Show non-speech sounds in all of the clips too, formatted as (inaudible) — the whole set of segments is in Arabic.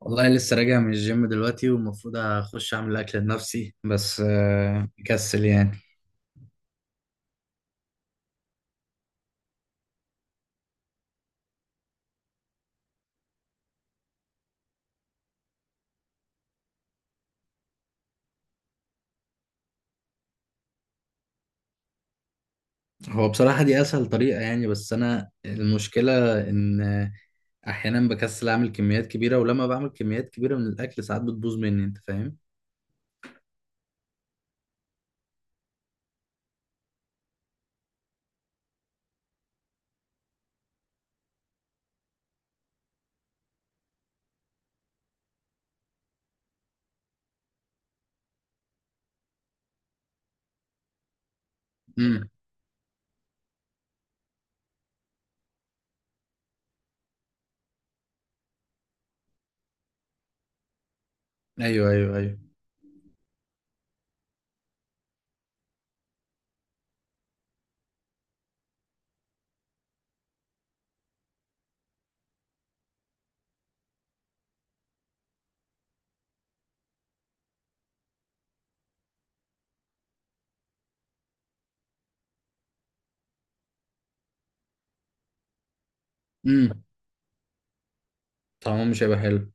والله لسه راجع من الجيم دلوقتي، والمفروض اخش اعمل اكل لنفسي بس مكسل يعني. هو بصراحة دي اسهل طريقة يعني، بس انا المشكلة ان احيانا بكسل اعمل كميات كبيرة، ولما بعمل كميات كبيرة من الاكل ساعات بتبوظ مني، انت فاهم؟ امم. ايوه، ايوه، ايوه. امم. طعمه مش هيبقى حلو.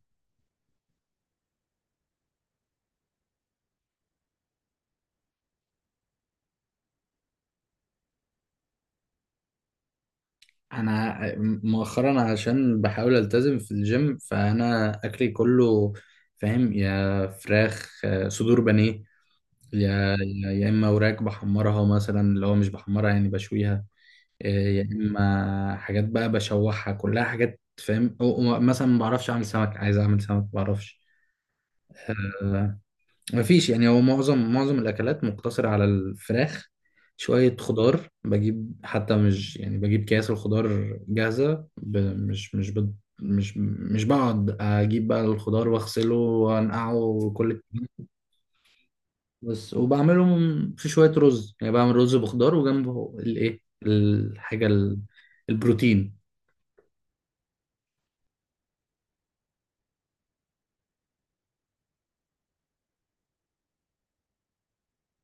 انا مؤخرا عشان بحاول التزم في الجيم، فانا اكلي كله فاهم، يا فراخ، صدور بانيه، يا اما وراك بحمرها مثلا، اللي هو مش بحمرها يعني بشويها. إيه، يا اما حاجات بقى بشوحها، كلها حاجات فاهم، أو مثلا ما بعرفش اعمل سمك، عايز اعمل سمك ما بعرفش. آه، مفيش يعني، هو معظم الاكلات مقتصره على الفراخ. شويه خضار بجيب، حتى مش يعني بجيب كياس الخضار جاهزه، مش مش. مش بقعد اجيب بقى الخضار واغسله وانقعه وكل. بس وبعملهم في شوية رز، يعني بعمل رز بخضار وجنبه الايه، الحاجة البروتين.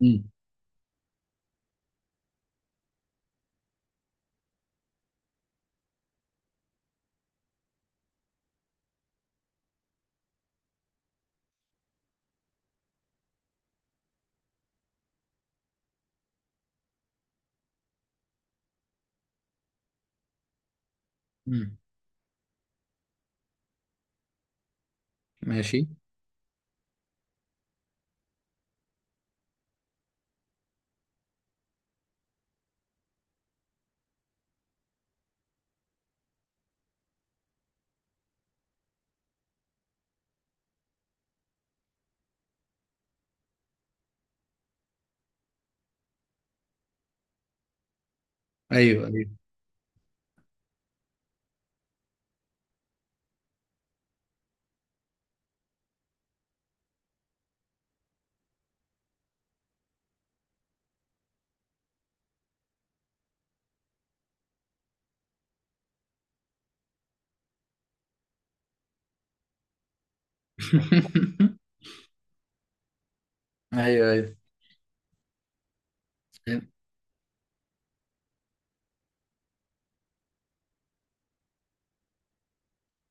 مم. مم. ماشي. ايوه، ايوه. (laughs) ايوه، ايوه.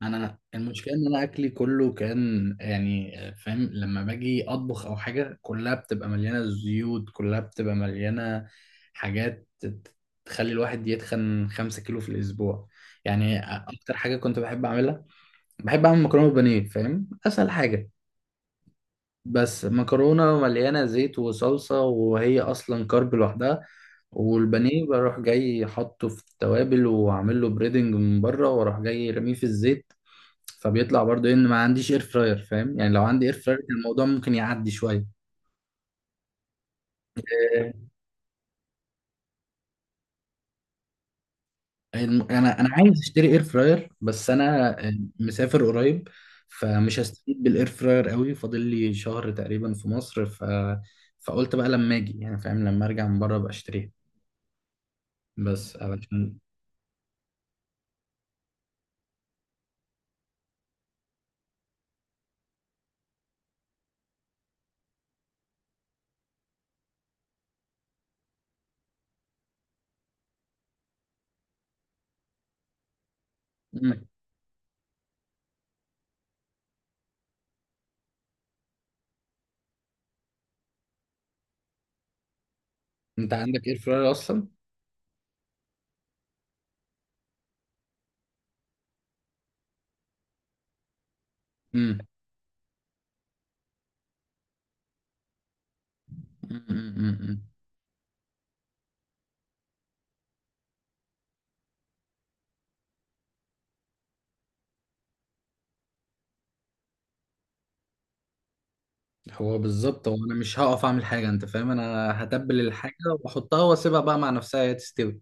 انا المشكله ان انا اكلي كله كان يعني فاهم، لما باجي اطبخ او حاجه كلها بتبقى مليانه زيوت، كلها بتبقى مليانه حاجات تخلي الواحد يتخن 5 كيلو في الاسبوع. يعني اكتر حاجه كنت بحب اعملها، بحب اعمل مكرونه بانيه، فاهم، اسهل حاجه. بس مكرونة مليانة زيت وصلصة، وهي أصلا كارب لوحدها. والبانيه بروح جاي حاطه في التوابل وأعمل له بريدنج من بره، وأروح جاي رميه في الزيت. فبيطلع برضه إن ما عنديش إير فراير، فاهم يعني، لو عندي إير فراير كان الموضوع ممكن يعدي شوية. أنا عايز أشتري إير فراير، بس أنا مسافر قريب. فمش هستفيد بالإير فراير قوي، فاضل لي شهر تقريبا في مصر. فقلت بقى لما أجي، يعني فاهم، لما أرجع من بره أبقى أشتريها، بس علشان. مم. انت عندك اير فراير اصلا؟ مم. مم. مم. مم. هو بالظبط، هو انا مش هقف اعمل حاجه، انت فاهم، انا هتبل الحاجه واحطها واسيبها بقى مع نفسها هي تستوي.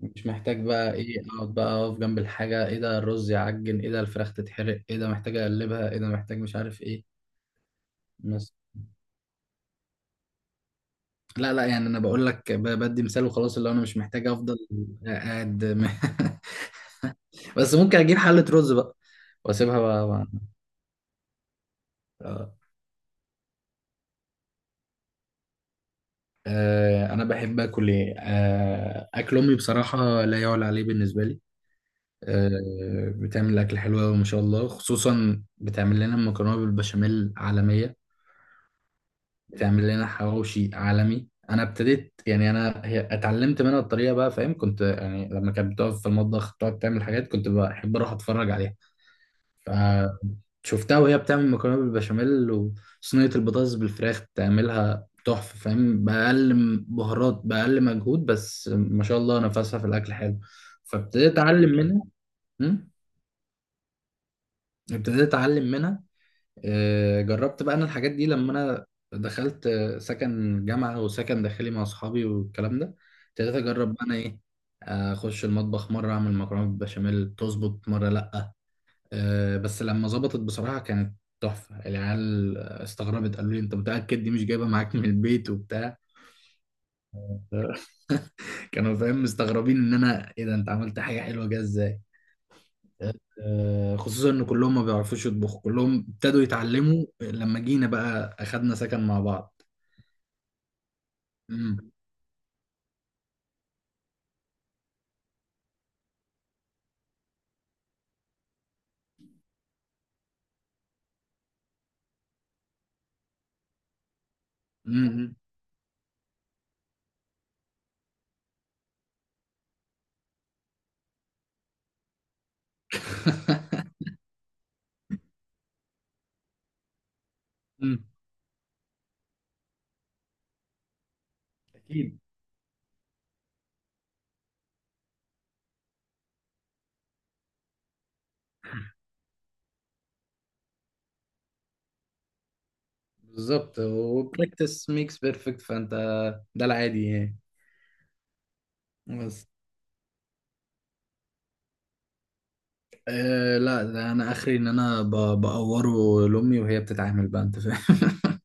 مش محتاج بقى ايه، اقعد بقى اقف جنب الحاجه، ايه ده الرز يعجن، ايه ده الفراخ تتحرق، ايه ده محتاج اقلبها، ايه ده محتاج، مش عارف ايه. بس. لا، لا، يعني انا بقول لك بدي مثال وخلاص، اللي هو انا مش محتاج افضل قاعد. (laughs) بس ممكن اجيب حله رز بقى، واسيبها بقى، بقى. انا بحب اكل ايه، اكل امي بصراحه لا يعلى عليه بالنسبه لي. بتعمل اكل حلو قوي ما شاء الله، خصوصا بتعمل لنا مكرونه بالبشاميل عالميه، بتعمل لنا حواوشي عالمي. انا ابتديت يعني، انا هي اتعلمت منها الطريقه بقى فاهم، كنت يعني لما كانت بتقف في المطبخ تقعد تعمل حاجات كنت بحب اروح اتفرج عليها. فشفتها وهي بتعمل مكرونه بالبشاميل وصينيه البطاطس بالفراخ تعملها تحفه، فاهم، باقل بهارات، باقل مجهود، بس ما شاء الله نفسها في الاكل حلو. فابتديت اتعلم منها. مم. ابتديت اتعلم منها. جربت بقى انا الحاجات دي، لما انا دخلت سكن جامعه وسكن داخلي مع اصحابي والكلام ده. ابتديت اجرب بقى انا ايه، اخش المطبخ، مره اعمل مكرونه بالبشاميل تظبط، مره لا. بس لما ظبطت بصراحة كانت تحفة. العيال استغربت، قالوا لي انت متأكد دي مش جايبة معاك من البيت وبتاع؟ (laughs) كانوا فاهم مستغربين، ان انا ايه ده، انت عملت حاجة حلوة جايه ازاي؟ خصوصا ان كلهم ما بيعرفوش يطبخوا، كلهم ابتدوا يتعلموا لما جينا بقى اخدنا سكن مع بعض. امم. امم. (laughs) أمم. اكيد. بالظبط، وبراكتس ميكس بيرفكت، فانت ده العادي يعني. بس. أه، لا، ده انا اخري ان انا بقوره لامي وهي بتتعامل بقى، انت فاهم. (laughs)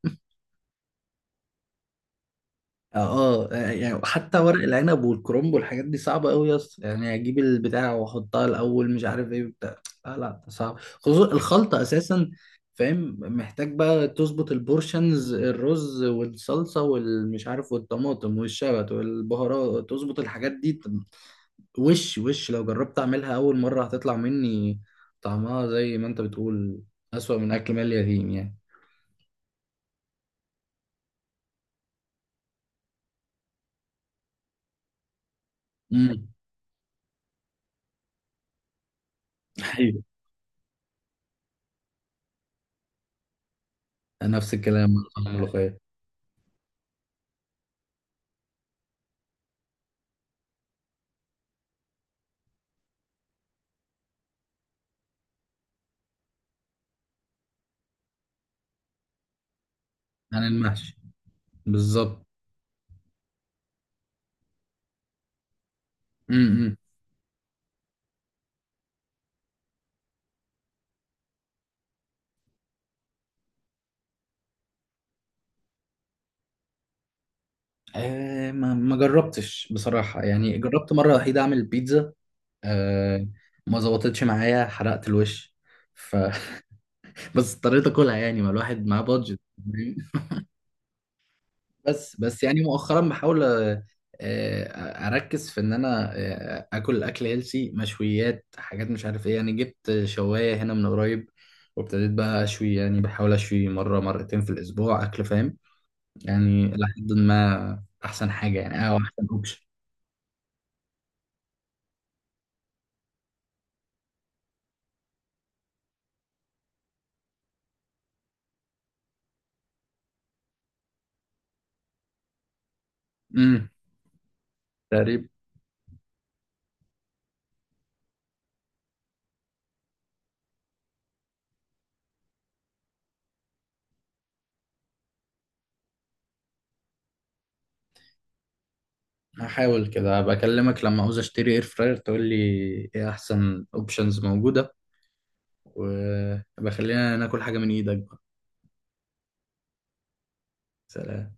اه، يعني حتى ورق العنب والكرنب والحاجات دي صعبه قوي يا اسطى، يعني اجيب البتاع واحطها الاول مش عارف ايه بتاع. لا، لا، صعب، خصوصا الخلطه اساسا. فاهم، محتاج بقى تظبط البورشنز، الرز والصلصه والمش عارف والطماطم والشبت والبهارات، تظبط الحاجات دي. وش لو جربت اعملها اول مرة هتطلع مني، طعمها زي ما انت بتقول، اسوأ من اكل مال اليتيم يعني. امم. ايوه. نفس الكلام مع طعم الملوخية. عن المحشي؟ بالظبط. امم. آه، ما، ما جربتش بصراحة، يعني جربت مرة وحيدة اعمل بيتزا. آه. ما ظبطتش معايا، حرقت الوش. ف (laughs) بس اضطريت اكلها، يعني ما الواحد معاه بادجت. بس، بس، يعني مؤخرا بحاول اركز في ان انا اكل اكل هيلسي، مشويات، حاجات مش عارف ايه، يعني جبت شوايه هنا من قريب. وابتديت بقى اشوي، يعني بحاول اشوي مره مرتين في الاسبوع اكل، فاهم. يعني لحد ما، احسن حاجه يعني، او احسن اوبشن. امم. تقريبا. هحاول كده، بكلمك لما عاوز اشتري اير فراير تقول لي ايه احسن اوبشنز موجوده، وبخلينا ناكل حاجه من ايدك بقى. سلام.